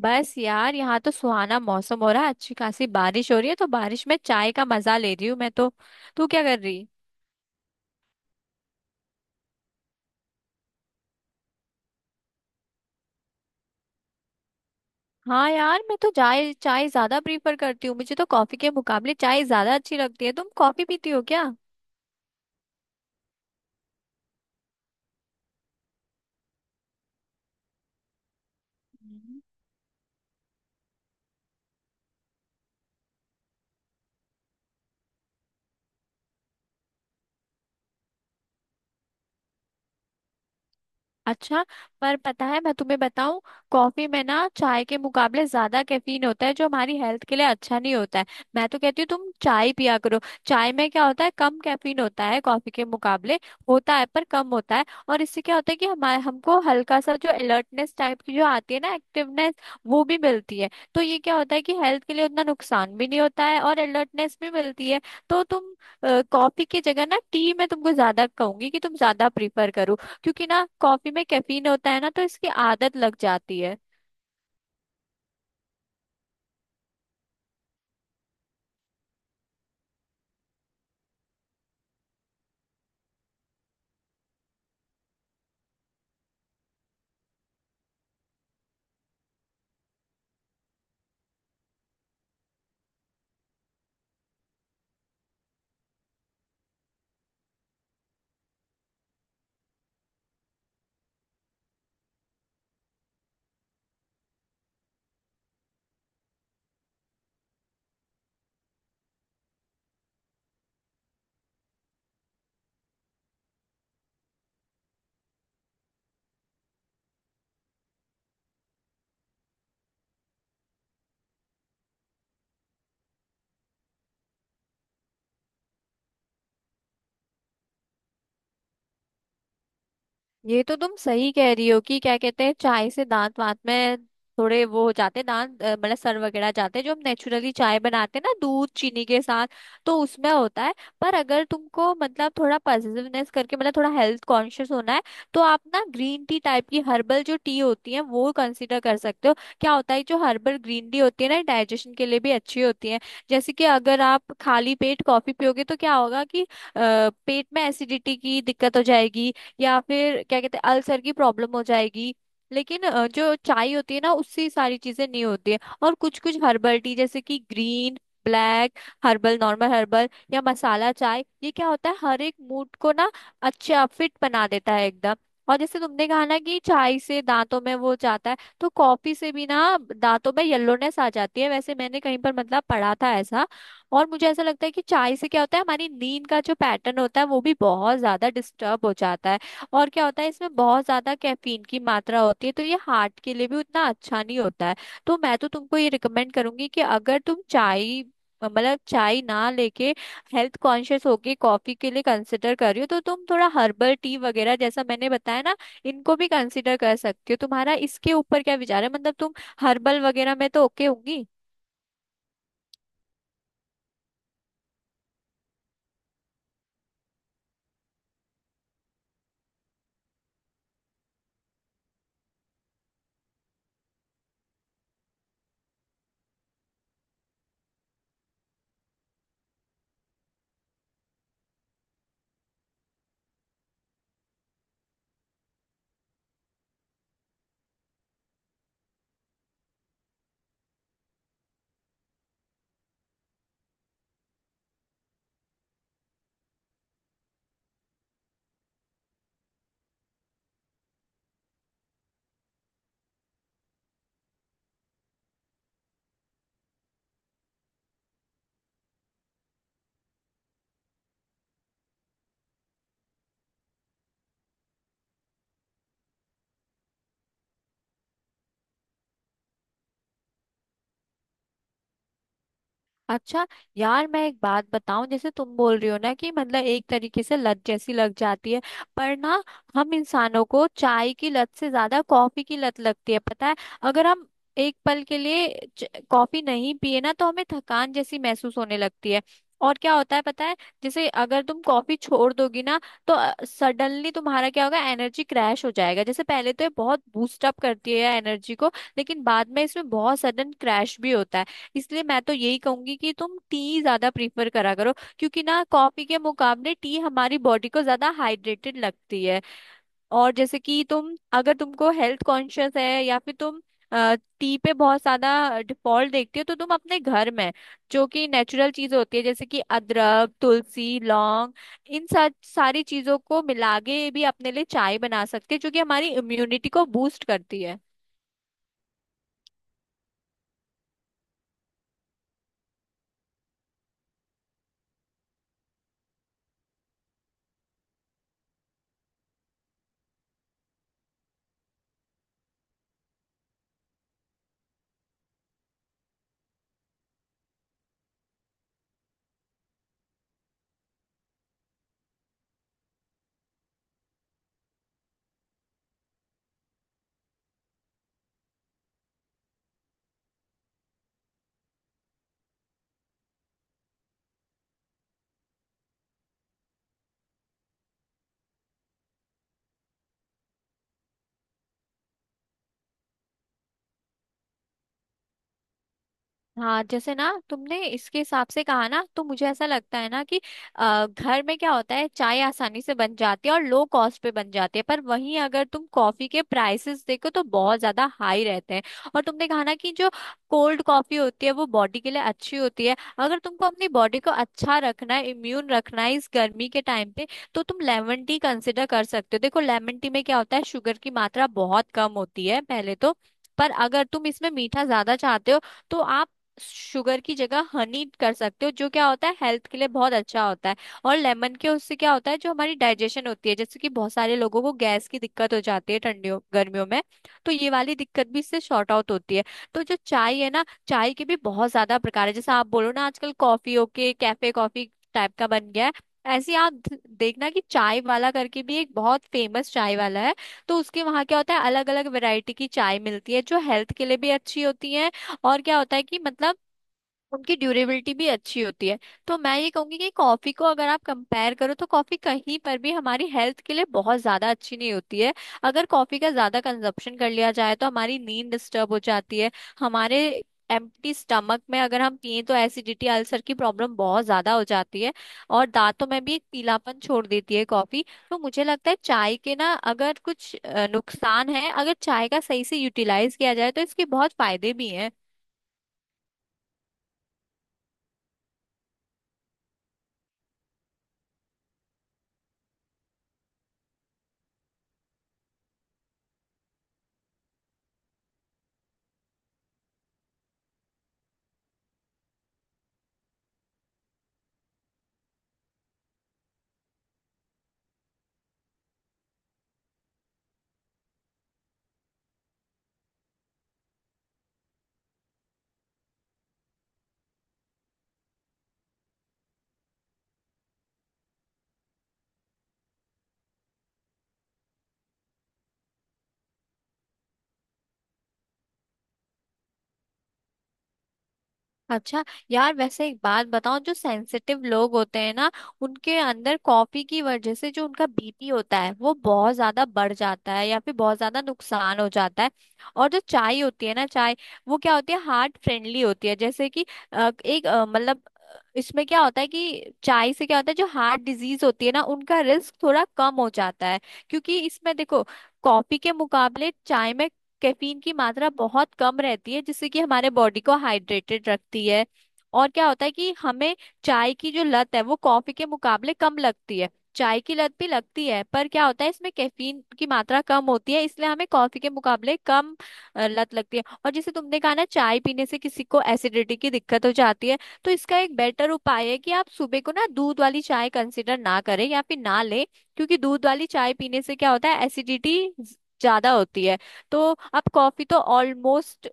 बस यार यहाँ तो सुहाना मौसम हो रहा है। अच्छी खासी बारिश हो रही है, तो बारिश में चाय का मजा ले रही हूँ मैं तो। तू क्या कर रही। हाँ यार, मैं तो चाय चाय ज्यादा प्रीफर करती हूँ। मुझे तो कॉफी के मुकाबले चाय ज्यादा अच्छी लगती है। तुम कॉफी पीती हो क्या। अच्छा। पर पता है, मैं तुम्हें बताऊं, कॉफी में ना चाय के मुकाबले ज्यादा कैफीन होता है, जो हमारी हेल्थ के लिए अच्छा नहीं होता है। मैं तो कहती हूँ तुम चाय पिया करो। चाय में क्या होता है, कम कैफीन होता है कॉफी के मुकाबले। होता है पर कम होता है, और इससे क्या होता है कि हमारे हमको हल्का सा जो अलर्टनेस टाइप की जो आती है ना, एक्टिवनेस, वो भी मिलती है। तो ये क्या होता है कि हेल्थ के लिए उतना नुकसान भी नहीं होता है और अलर्टनेस भी मिलती है। तो तुम कॉफी की जगह ना टी मैं तुमको ज्यादा कहूंगी कि तुम ज्यादा प्रीफर करो। क्योंकि ना कॉफी में कैफीन होता है ना, तो इसकी आदत लग जाती है। ये तो तुम सही कह रही हो कि क्या कहते हैं, चाय से दांत वांत में थोड़े वो हो जाते हैं, दांत मतलब सर वगैरह जाते हैं, जो हम नेचुरली चाय बनाते हैं ना दूध चीनी के साथ, तो उसमें होता है। पर अगर तुमको मतलब थोड़ा पॉजिटिवनेस करके मतलब थोड़ा हेल्थ कॉन्शियस होना है, तो आप ना ग्रीन टी टाइप की हर्बल जो टी होती है वो कंसिडर कर सकते हो। क्या होता है, जो हर्बल ग्रीन टी होती है ना, डाइजेशन के लिए भी अच्छी होती है। जैसे कि अगर आप खाली पेट कॉफी पियोगे तो क्या होगा कि पेट में एसिडिटी की दिक्कत हो जाएगी, या फिर क्या कहते हैं अल्सर की प्रॉब्लम हो जाएगी। लेकिन जो चाय होती है ना, उससे ये सारी चीजें नहीं होती है। और कुछ कुछ हर्बल टी जैसे कि green, black, herbal, normal herbal या मसाला चाय, ये क्या होता है, हर एक मूड को ना अच्छा फिट बना देता है एकदम। और जैसे तुमने कहा ना कि चाय से दांतों में वो जाता है, तो कॉफी से भी ना दांतों में येलोनेस आ जाती है, वैसे मैंने कहीं पर मतलब पढ़ा था ऐसा। और मुझे ऐसा लगता है कि चाय से क्या होता है, हमारी नींद का जो पैटर्न होता है वो भी बहुत ज्यादा डिस्टर्ब हो जाता है। और क्या होता है, इसमें बहुत ज्यादा कैफीन की मात्रा होती है, तो ये हार्ट के लिए भी उतना अच्छा नहीं होता है। तो मैं तो तुमको ये रिकमेंड करूंगी कि अगर तुम चाय मतलब चाय ना लेके, हेल्थ कॉन्शियस होके कॉफी के लिए कंसिडर कर रही हो, तो तुम थोड़ा हर्बल टी वगैरह जैसा मैंने बताया ना, इनको भी कंसिडर कर सकती हो। तुम्हारा इसके ऊपर क्या विचार है, मतलब तुम हर्बल वगैरह में तो ओके होंगी। अच्छा। यार, मैं एक बात बताऊं, जैसे तुम बोल रही हो ना कि मतलब एक तरीके से लत जैसी लग जाती है, पर ना हम इंसानों को चाय की लत से ज्यादा कॉफी की लत लगती है पता है। अगर हम एक पल के लिए कॉफी नहीं पिए ना, तो हमें थकान जैसी महसूस होने लगती है। और क्या होता है पता है, जैसे अगर तुम कॉफी छोड़ दोगी ना, तो सडनली तुम्हारा क्या होगा, एनर्जी क्रैश हो जाएगा। जैसे पहले तो ये बहुत बूस्ट अप करती है एनर्जी को, लेकिन बाद में इसमें बहुत सडन क्रैश भी होता है। इसलिए मैं तो यही कहूंगी कि तुम टी ज्यादा प्रीफर करा करो। क्योंकि ना कॉफी के मुकाबले टी हमारी बॉडी को ज्यादा हाइड्रेटेड लगती है। और जैसे कि तुम, अगर तुमको हेल्थ कॉन्शियस है या फिर तुम टी पे बहुत ज्यादा डिफॉल्ट देखती हो, तो तुम अपने घर में जो कि नेचुरल चीज होती है जैसे कि अदरक, तुलसी, लौंग, इन सब सारी चीजों को मिला के भी अपने लिए चाय बना सकते हैं, जो कि हमारी इम्यूनिटी को बूस्ट करती है। हाँ, जैसे ना तुमने इसके हिसाब से कहा ना, तो मुझे ऐसा लगता है ना कि घर में क्या होता है, चाय आसानी से बन जाती है और लो कॉस्ट पे बन जाती है। पर वहीं अगर तुम कॉफी के प्राइसेस देखो तो बहुत ज्यादा हाई रहते हैं। और तुमने कहा ना कि जो कोल्ड कॉफी होती है वो बॉडी के लिए अच्छी होती है, अगर तुमको अपनी बॉडी को अच्छा रखना है, इम्यून रखना है इस गर्मी के टाइम पे, तो तुम लेमन टी कंसिडर कर सकते हो। देखो लेमन टी में क्या होता है, शुगर की मात्रा बहुत कम होती है पहले तो। पर अगर तुम इसमें मीठा ज्यादा चाहते हो, तो आप शुगर की जगह हनी कर सकते हो, जो क्या होता है हेल्थ के लिए बहुत अच्छा होता है। और लेमन के उससे क्या होता है, जो हमारी डाइजेशन होती है, जैसे कि बहुत सारे लोगों को गैस की दिक्कत हो जाती है ठंडियों गर्मियों में, तो ये वाली दिक्कत भी इससे शॉर्ट आउट होती है। तो जो चाय है ना, चाय के भी बहुत ज्यादा प्रकार है। जैसे आप बोलो ना आजकल कॉफी के कैफे, कॉफी टाइप का बन गया है, ऐसे ही आप देखना कि चाय वाला करके भी एक बहुत फेमस चाय वाला है। तो उसके वहाँ क्या होता है, अलग अलग वैरायटी की चाय मिलती है जो हेल्थ के लिए भी अच्छी होती है। और क्या होता है कि मतलब उनकी ड्यूरेबिलिटी भी अच्छी होती है। तो मैं ये कहूंगी कि कॉफी को अगर आप कंपेयर करो, तो कॉफी कहीं पर भी हमारी हेल्थ के लिए बहुत ज्यादा अच्छी नहीं होती है। अगर कॉफी का ज्यादा कंजप्शन कर लिया जाए तो हमारी नींद डिस्टर्ब हो जाती है, हमारे एम्प्टी स्टमक में अगर हम पिए तो एसिडिटी, अल्सर की प्रॉब्लम बहुत ज्यादा हो जाती है, और दांतों में भी एक पीलापन छोड़ देती है कॉफी। तो मुझे लगता है चाय के ना अगर कुछ नुकसान है, अगर चाय का सही से यूटिलाइज किया जाए तो इसके बहुत फायदे भी हैं। अच्छा। यार वैसे एक बात बताओ, जो सेंसिटिव लोग होते हैं ना, उनके अंदर कॉफी की वजह से जो उनका बीपी होता है वो बहुत ज्यादा बढ़ जाता है, या फिर बहुत ज्यादा नुकसान हो जाता है। और जो चाय होती है ना, चाय वो क्या होती है, हार्ट फ्रेंडली होती है। जैसे कि मतलब इसमें क्या होता है कि चाय से क्या होता है, जो हार्ट डिजीज होती है ना, उनका रिस्क थोड़ा कम हो जाता है। क्योंकि इसमें देखो, कॉफी के मुकाबले चाय में कैफीन की मात्रा बहुत कम रहती है, जिससे कि हमारे बॉडी को हाइड्रेटेड रखती है। और क्या होता है कि हमें चाय की जो लत है वो कॉफी के मुकाबले कम लगती है। चाय की लत भी लगती है, पर क्या होता है, इसमें कैफीन की मात्रा कम होती है, इसलिए हमें कॉफी के मुकाबले कम लत लगती है। और जैसे तुमने कहा ना, चाय पीने से किसी को एसिडिटी की दिक्कत हो जाती है, तो इसका एक बेटर उपाय है कि आप सुबह को ना दूध वाली चाय कंसिडर ना करें या फिर ना लें। क्योंकि दूध वाली चाय पीने से क्या होता है, एसिडिटी ज्यादा होती है। तो आप कॉफी तो ऑलमोस्ट,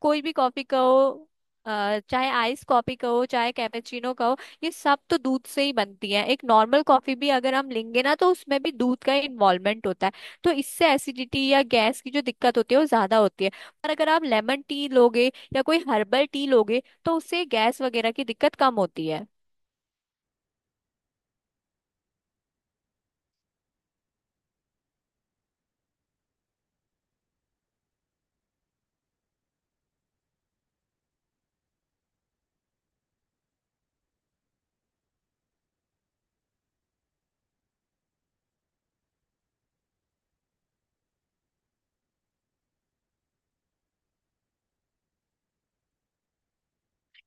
कोई भी कॉफी कहो, चाहे आइस कॉफी कहो, चाहे कैपेचिनो कहो, ये सब तो दूध से ही बनती है। एक नॉर्मल कॉफी भी अगर हम लेंगे ना, तो उसमें भी दूध का इन्वॉल्वमेंट होता है, तो इससे एसिडिटी या गैस की जो दिक्कत होती है वो ज्यादा होती है। पर अगर आप लेमन टी लोगे या कोई हर्बल टी लोगे, तो उससे गैस वगैरह की दिक्कत कम होती है।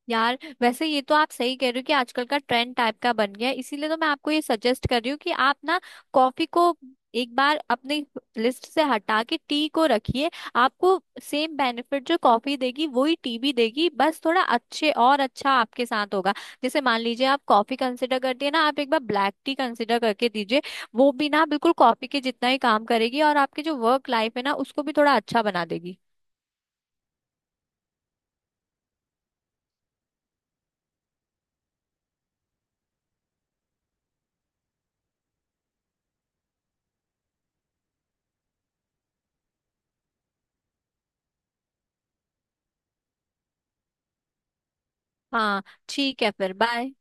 यार वैसे ये तो आप सही कह रहे हो कि आजकल का ट्रेंड टाइप का बन गया है, इसीलिए तो मैं आपको ये सजेस्ट कर रही हूँ कि आप ना कॉफी को एक बार अपनी लिस्ट से हटा के टी को रखिए। आपको सेम बेनिफिट जो कॉफी देगी वही टी भी देगी, बस थोड़ा अच्छे और अच्छा आपके साथ होगा। जैसे मान लीजिए आप कॉफी कंसिडर करती है ना, आप एक बार ब्लैक टी कंसिडर करके दीजिए। वो भी ना बिल्कुल कॉफी के जितना ही काम करेगी, और आपकी जो वर्क लाइफ है ना उसको भी थोड़ा अच्छा बना देगी। हाँ, ठीक है, फिर बाय।